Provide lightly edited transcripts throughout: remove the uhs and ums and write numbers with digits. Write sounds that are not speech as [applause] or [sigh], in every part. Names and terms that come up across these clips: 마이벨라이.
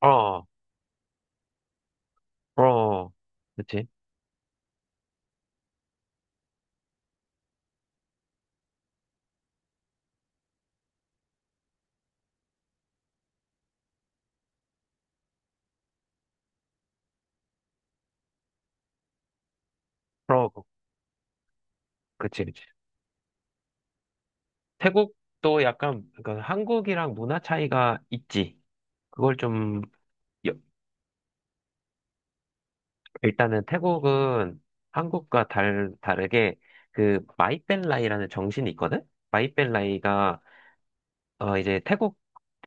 어, 어, 그치. 어, 그치, 그치. 태국도 약간, 그 한국이랑 문화 차이가 있지. 그걸 좀, 여- 일단은 태국은 한국과 다르게 그 마이벨라이라는 정신이 있거든? 마이벨라이가, 어, 이제 태국,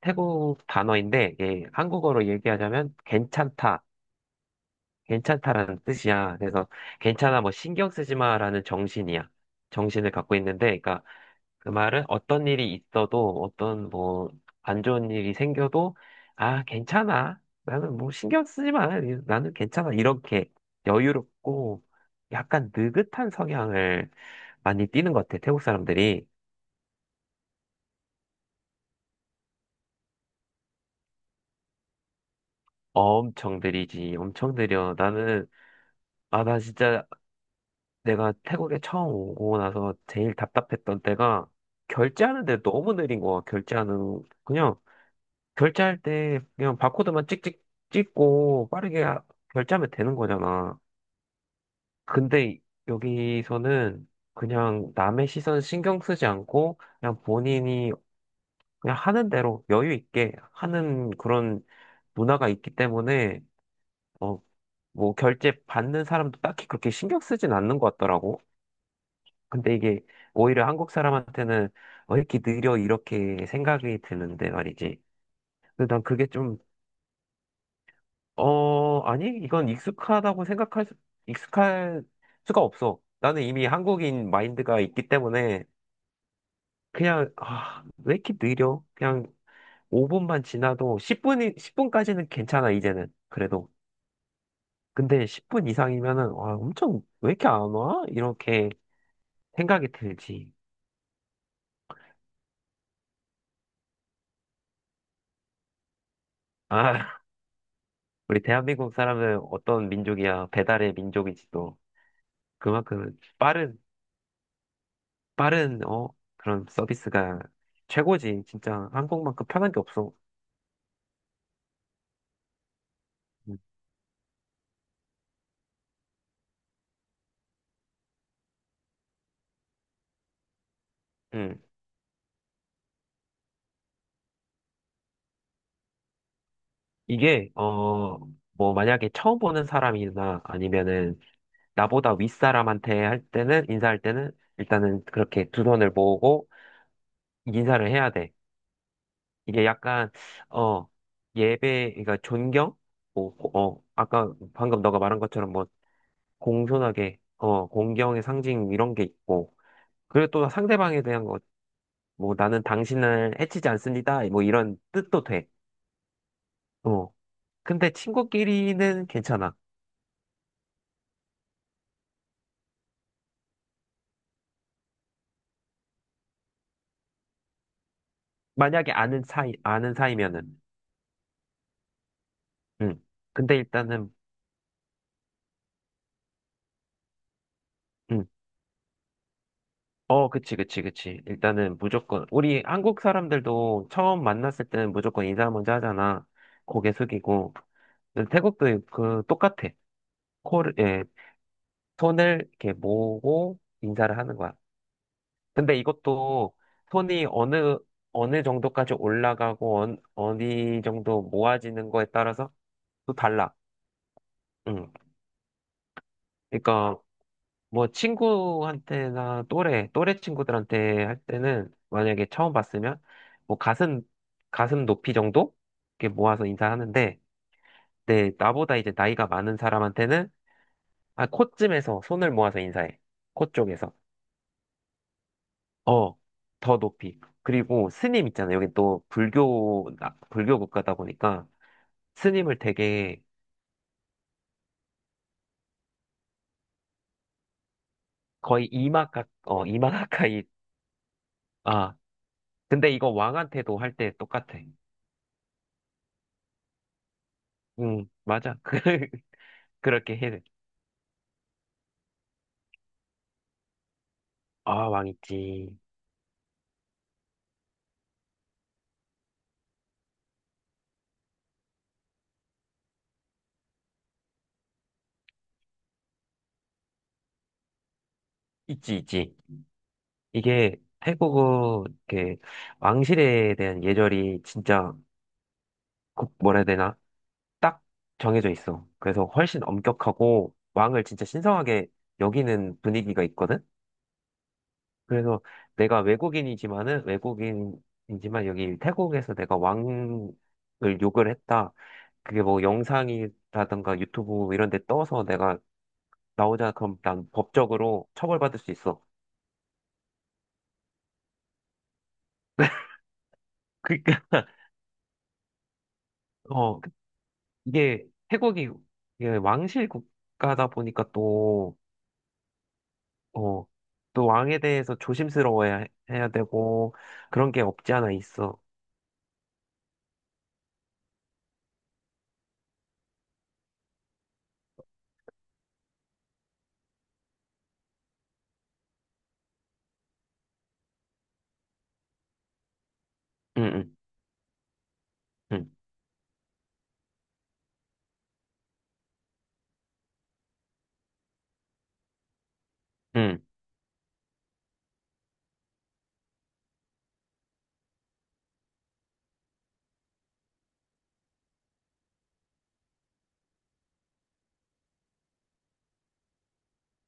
태국 단어인데, 이게 한국어로 얘기하자면 괜찮다. 괜찮다라는 뜻이야. 그래서 괜찮아, 뭐 신경 쓰지 마라는 정신이야. 정신을 갖고 있는데, 그러니까 그 말은 어떤 일이 있어도 어떤 뭐 안 좋은 일이 생겨도 아, 괜찮아. 나는 뭐 신경 쓰지 마. 나는 괜찮아. 이렇게 여유롭고 약간 느긋한 성향을 많이 띠는 것 같아. 태국 사람들이 엄청 느리지, 엄청 느려. 나는 아, 나 진짜 내가 태국에 처음 오고 나서 제일 답답했던 때가 결제하는데 너무 느린 거야. 결제하는 그냥 결제할 때 그냥 바코드만 찍찍 찍고 빠르게 결제하면 되는 거잖아. 근데 여기서는 그냥 남의 시선 신경 쓰지 않고 그냥 본인이 그냥 하는 대로 여유 있게 하는 그런 문화가 있기 때문에 어, 뭐 결제 받는 사람도 딱히 그렇게 신경 쓰진 않는 것 같더라고. 근데 이게 오히려 한국 사람한테는 왜 이렇게 느려 이렇게 생각이 드는데 말이지. 근데 난 그게 좀, 어, 아니, 이건 익숙하다고 생각할 수, 익숙할 수가 없어. 나는 이미 한국인 마인드가 있기 때문에 그냥, 아, 왜 이렇게 느려? 그냥 5분만 지나도 10분이, 10분까지는 괜찮아, 이제는. 그래도. 근데 10분 이상이면은, 와, 엄청, 왜 이렇게 안 와? 이렇게 생각이 들지. 아, 우리 대한민국 사람은 어떤 민족이야? 배달의 민족이지 또. 그만큼 빠른, 빠른, 어, 그런 서비스가 최고지. 진짜 한국만큼 편한 게 없어. 음. 음. 이게, 어, 뭐, 만약에 처음 보는 사람이나 아니면은 나보다 윗사람한테 할 때는, 인사할 때는 일단은 그렇게 두 손을 모으고 인사를 해야 돼. 이게 약간, 어, 예배, 그러니까 존경? 뭐, 어, 아까 방금 너가 말한 것처럼 뭐, 공손하게, 어, 공경의 상징 이런 게 있고, 그리고 또 상대방에 대한 거 뭐 나는 당신을 해치지 않습니다. 뭐 이런 뜻도 돼. 어. 근데 친구끼리는 괜찮아. 만약에 아는 사이, 아는 사이면은. 응. 근데 일단은, 응. 어, 그치, 그치, 그치. 일단은 무조건, 우리 한국 사람들도 처음 만났을 때는 무조건 인사 먼저 하잖아. 고개 숙이고. 근데 태국도 그, 똑같아. 코를, 예, 손을 이렇게 모으고 인사를 하는 거야. 근데 이것도 손이 어느, 어느 정도까지 올라가고, 어, 디 정도 모아지는 거에 따라서 또 달라. 응. 그러니까, 뭐, 친구한테나 또래, 또래 친구들한테 할 때는, 만약에 처음 봤으면, 뭐, 가슴, 가슴 높이 정도? 이렇게 모아서 인사하는데, 네, 나보다 이제 나이가 많은 사람한테는, 아, 코쯤에서 손을 모아서 인사해. 코 쪽에서. 어, 더 높이. 그리고 스님 있잖아. 요 여기 또 불교, 불교 국가다 보니까 스님을 되게 거의 이마 가, 어, 이마 가까이, 아, 근데 이거 왕한테도 할 때 똑같아. 응, 맞아. [laughs] 그, 그렇게 해. 아, 왕 있지. 있지, 있지. 이게 태국은 이렇게 왕실에 대한 예절이 진짜, 뭐라 해야 되나? 딱 정해져 있어. 그래서 훨씬 엄격하고 왕을 진짜 신성하게 여기는 분위기가 있거든? 그래서 내가 외국인이지만은 외국인이지만 여기 태국에서 내가 왕을 욕을 했다. 그게 뭐 영상이라든가 유튜브 이런 데 떠서 내가 나오자 그럼 난 법적으로 처벌받을 수 있어. 그러니까 [laughs] 어, 이게 태국이 이게 왕실 국가다 보니까 또 어, 또 왕에 대해서 조심스러워야 야 되고 그런 게 없지 않아 있어. 응, 응, 응, 응.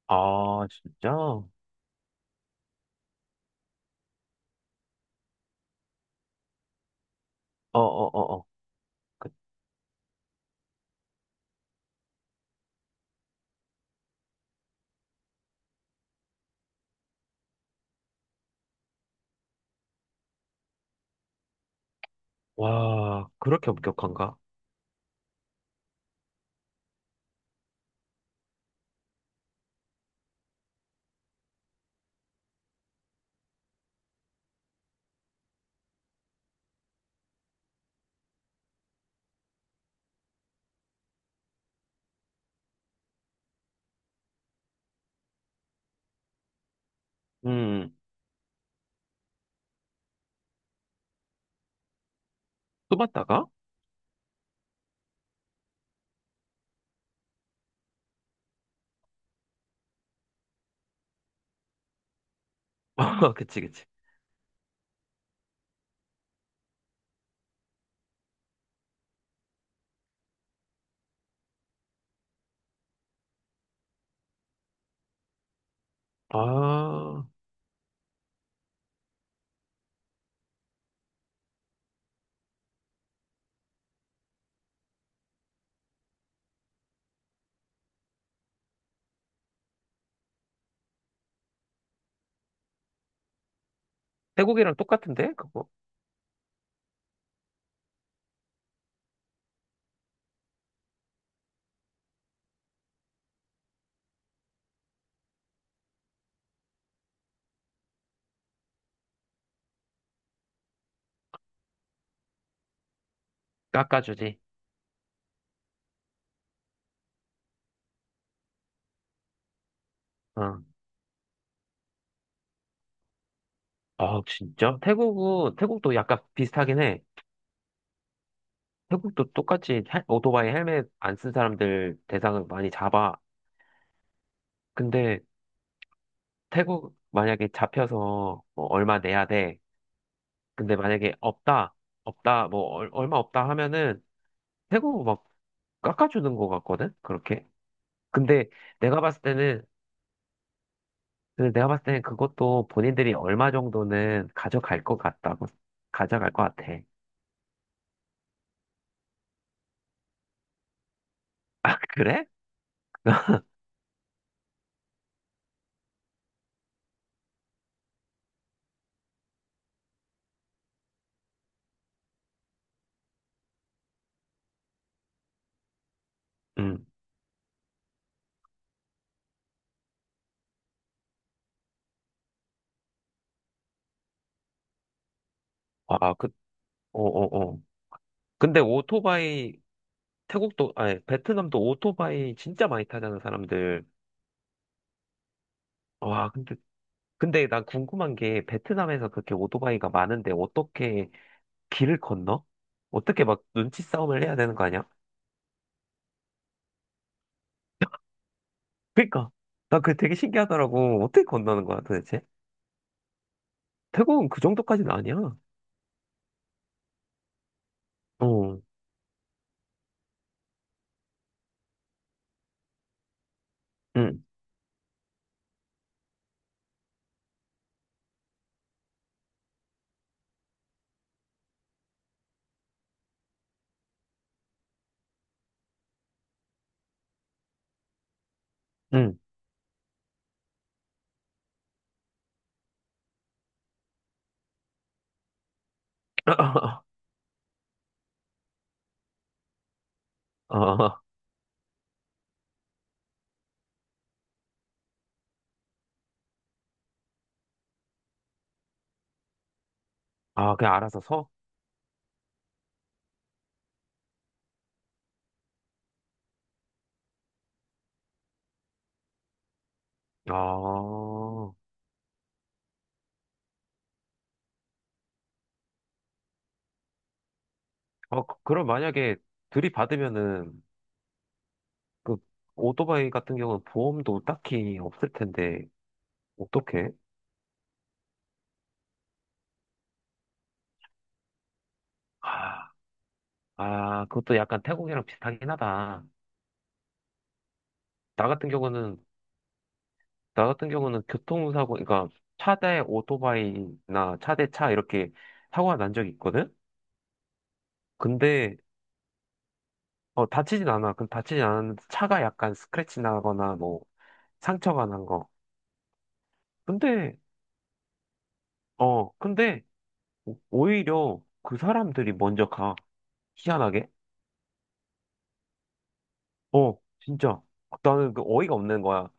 아, 진짜? 어, 어, 어, 어. 와, 그렇게 엄격한가? 음, 쏘봤다가? [laughs] 그치, 그치. 아, 태국이랑 똑같은데? 그거? 깎아주지. 어. 아, 진짜? 태국은, 태국도 약간 비슷하긴 해. 태국도 똑같이 오토바이 헬멧 안 쓴 사람들 대상을 많이 잡아. 근데 태국 만약에 잡혀서 뭐 얼마 내야 돼. 근데 만약에 없다, 없다, 뭐 얼마 없다 하면은 태국 막 깎아주는 것 같거든? 그렇게. 근데 내가 봤을 때는 근데 내가 봤을 땐 그것도 본인들이 얼마 정도는 가져갈 것 같다고, 가져갈 것 같아. [laughs] 아, 그래? 응. 아, 그, 어, 어, 어. 근데 오토바이, 태국도, 아니, 베트남도 오토바이 진짜 많이 타잖아, 사람들. 와, 근데, 근데 난 궁금한 게, 베트남에서 그렇게 오토바이가 많은데, 어떻게 길을 건너? 어떻게 막 눈치 싸움을 해야 되는 거 아니야? 그니까. 나 그게 되게 신기하더라고. 어떻게 건너는 거야, 도대체? 태국은 그 정도까지는 아니야. 어, 응, 응. [laughs] 아, [laughs] 아, 그냥 알아서 서? 아, 어, 그럼 만약에 들이받으면은, 그, 오토바이 같은 경우는 보험도 딱히 없을 텐데, 어떡해? 아, 아, 그것도 약간 태국이랑 비슷하긴 하다. 나 같은 경우는, 나 같은 경우는 교통사고, 그러니까 차 대 오토바이나 차 대 차 이렇게 사고가 난 적이 있거든? 근데, 어, 다치진 않아. 그 다치진 않았는데, 차가 약간 스크래치 나거나, 뭐, 상처가 난 거. 근데, 어, 근데, 오히려 그 사람들이 먼저 가. 희한하게. 어, 진짜. 나는 그 어이가 없는 거야.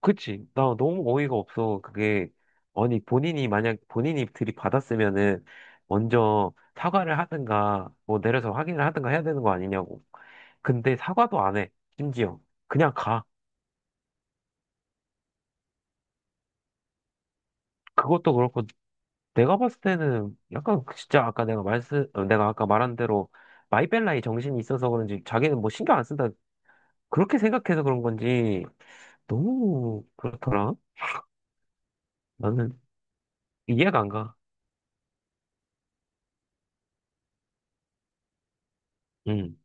그치? 나 너무 어이가 없어. 그게, 아니, 본인이 만약 본인이 들이받았으면은 먼저 사과를 하든가, 뭐 내려서 확인을 하든가 해야 되는 거 아니냐고. 근데 사과도 안 해. 심지어. 그냥 가. 그것도 그렇고, 내가 봤을 때는 약간 그 진짜 아까 내가 내가 아까 말한 대로 마이벨라의 정신이 있어서 그런지 자기는 뭐 신경 안 쓴다. 그렇게 생각해서 그런 건지 너무 그렇더라. 나는 이해가 안 가. 응.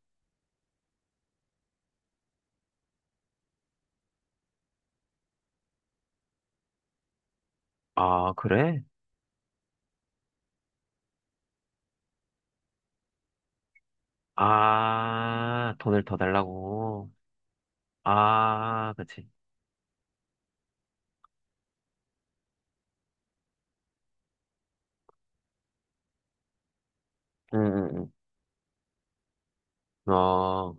아, 그래? 아, 돈을 더 달라고. 아, 그치. 응, 응, 응. 어,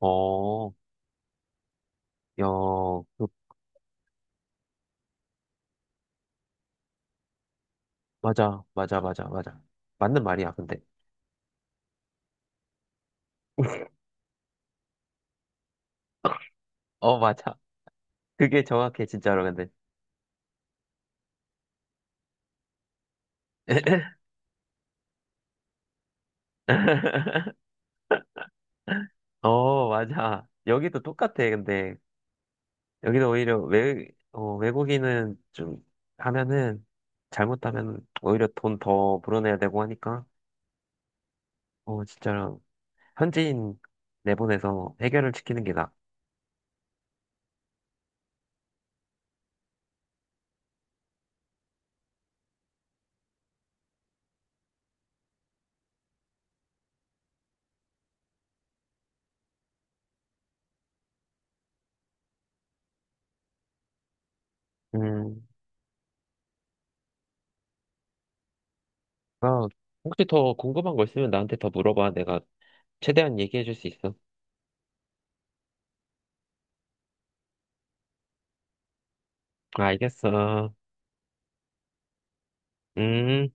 어, 야, 그, 맞아, 맞아, 맞아, 맞아. 맞는 말이야, 근데. 어, 맞아. 그게 정확해, 진짜로, 근데. [laughs] 어, 맞아. 여기도 똑같아, 근데. 여기도 오히려 외, 어, 외국인은 좀 하면은, 잘못하면 오히려 돈 더 불어내야 되고 하니까. 어, 진짜 현지인 내보내서 해결을 시키는 게 나아. 음, 아, 혹시 더 궁금한 거 있으면 나한테 더 물어봐. 내가 최대한 얘기해 줄 수 있어. 알겠어. 음.